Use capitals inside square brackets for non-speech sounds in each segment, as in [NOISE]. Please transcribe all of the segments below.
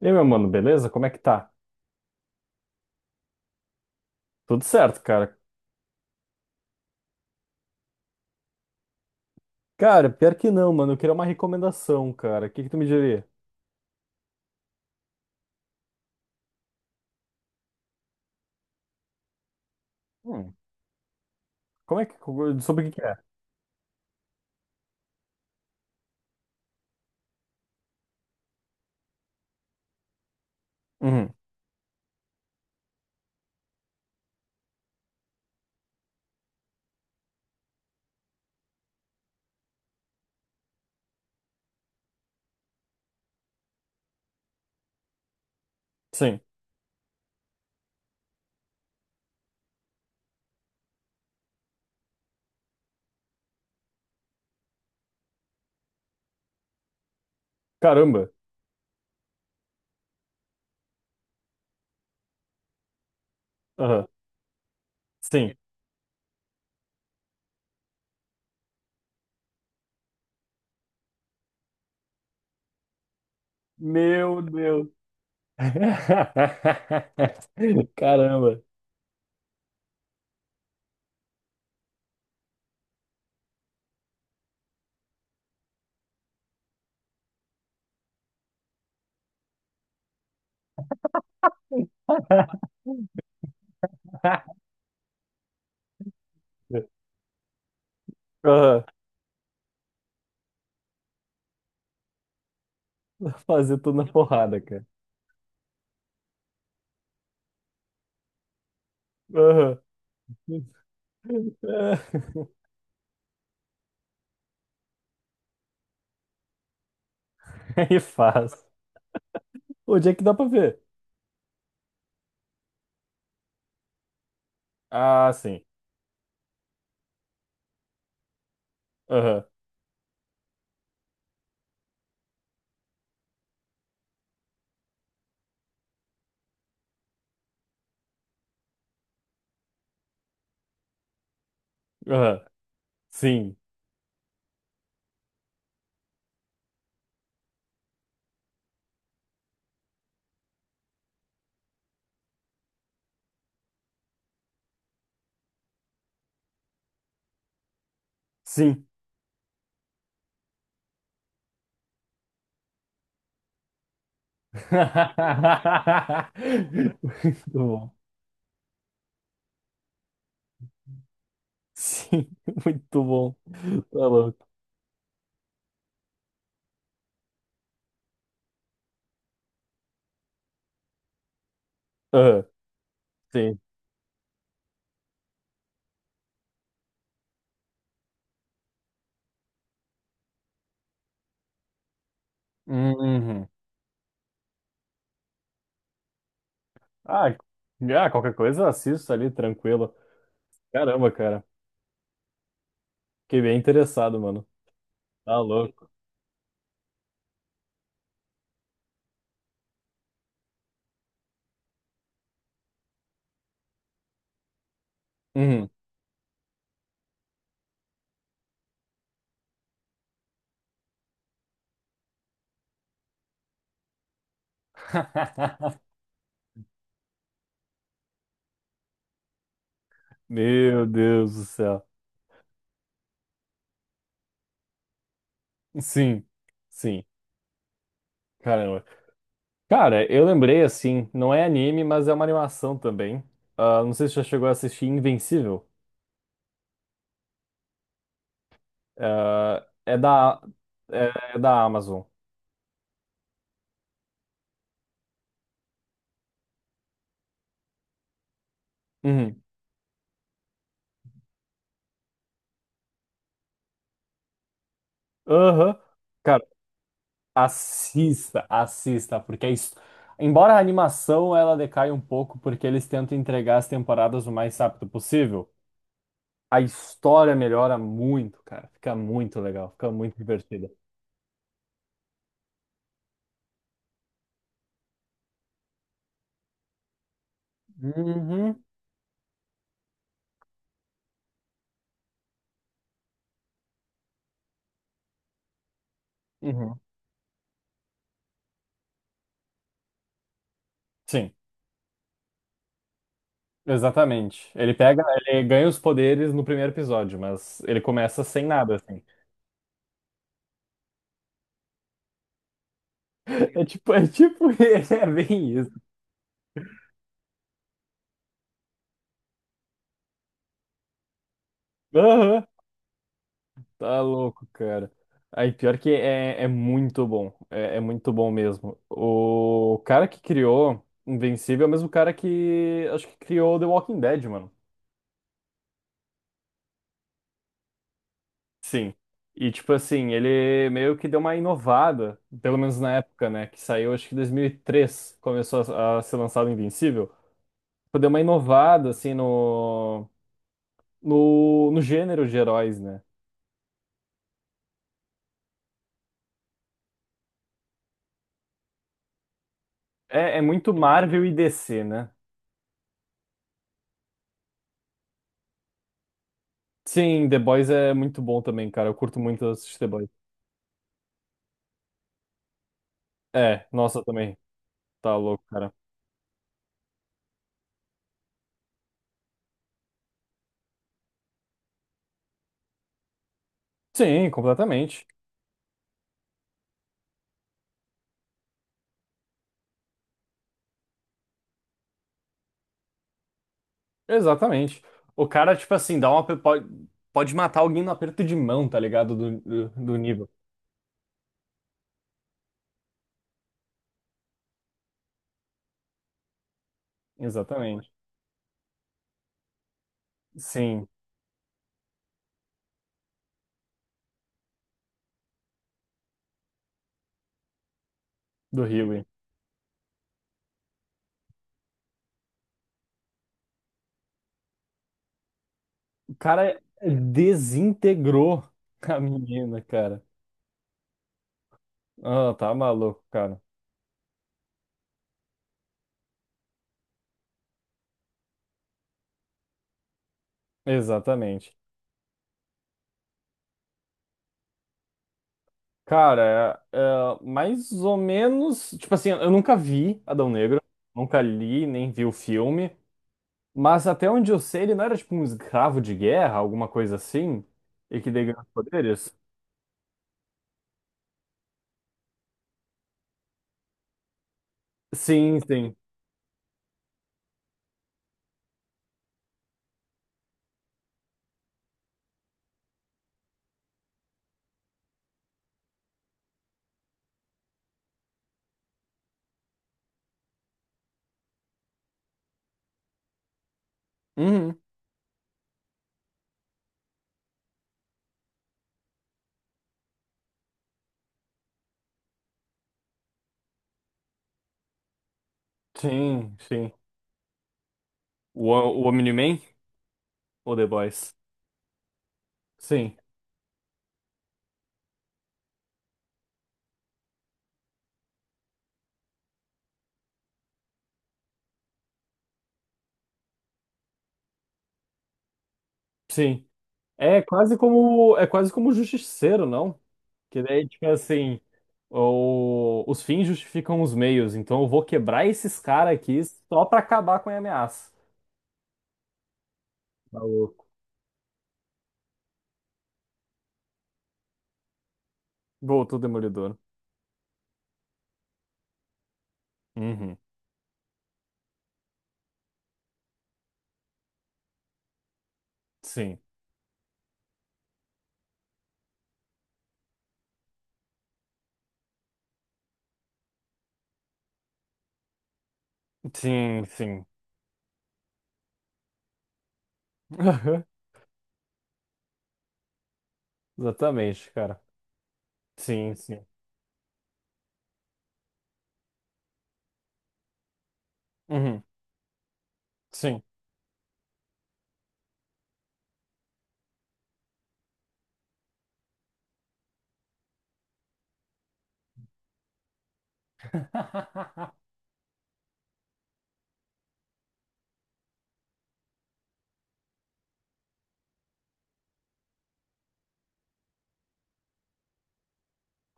E aí, meu mano, beleza? Como é que tá? Tudo certo, cara. Cara, pior que não, mano. Eu queria uma recomendação, cara. O que que tu me diria? Hum. Como é que... Sobre o que que é? Uhum. Sim. Caramba. Aham. Sim. Meu Deus. [LAUGHS] Caramba. Aham. Fazer tudo na porrada, cara. Aham. [LAUGHS] Aí faz. Onde é que dá pra ver? Ah, sim. Aham. Aham. Sim. Sim. [LAUGHS] Muito bom. Sim, [LAUGHS] muito bom. Tá louco. Ah, sim. Uhum. Ah, ah, qualquer coisa eu assisto ali, tranquilo. Caramba, cara. Fiquei bem interessado, mano. Tá louco. Uhum. [LAUGHS] Meu Deus do céu. Sim, sim. Caramba. Cara, eu lembrei assim, não é anime, mas é uma animação também. Ah, não sei se já chegou a assistir Invencível. É, é da, é da Amazon. Uhum. Aham. Cara, assista, assista, porque é isso. Embora a animação ela decaia um pouco, porque eles tentam entregar as temporadas o mais rápido possível, a história melhora muito, cara. Fica muito legal, fica muito divertida. Uhum, uhum. Sim, exatamente. Ele ganha os poderes no primeiro episódio, mas ele começa sem nada, assim. [LAUGHS] É tipo, [LAUGHS] é bem isso. Aham. Tá louco, cara. Aí, pior que é muito bom. É muito bom mesmo. O cara que criou Invencível é o mesmo cara que acho que criou The Walking Dead, mano. Sim. E, tipo assim, ele meio que deu uma inovada, pelo menos na época, né? Que saiu, acho que em 2003, começou a ser lançado Invencível. Tipo, deu uma inovada, assim, no, no gênero de heróis, né? É muito Marvel e DC, né? Sim, The Boys é muito bom também, cara. Eu curto muito assistir The Boys. É, nossa, também. Tá louco, cara. Sim, completamente. Exatamente. O cara, tipo assim, dá uma. Pode matar alguém no aperto de mão, tá ligado? Do nível. Exatamente. Sim, do Huey. O cara desintegrou [LAUGHS] a menina, cara. Ah, tá maluco, cara. Exatamente. Cara, é mais ou menos. Tipo assim, eu nunca vi Adão Negro. Nunca li, nem vi o filme. Mas até onde eu sei, ele não era tipo um escravo de guerra, alguma coisa assim? E que daí ganhou os poderes? Sim, sim. Uhum. Sim, sim. O Omni-Man ou The Boys? Sim, sim. É quase como o Justiceiro, não? Que daí, tipo assim, os fins justificam os meios, então eu vou quebrar esses caras aqui só pra acabar com a ameaça. Maluco. Voltou o Demolidor. Uhum. Sim. Sim, sim. [LAUGHS] Exatamente, cara. Sim, sim. Uhum. Sim. [LAUGHS]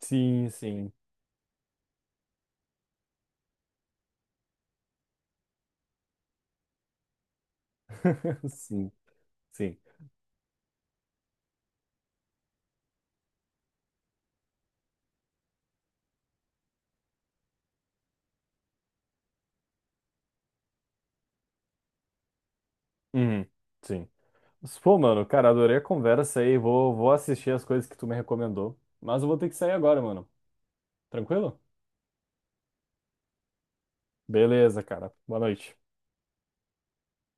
Sim, sim. [LAUGHS] Sim, sim. Uhum. Sim. Mas, pô, mano, cara, adorei a conversa aí. Vou assistir as coisas que tu me recomendou. Mas eu vou ter que sair agora, mano. Tranquilo? Beleza, cara. Boa noite.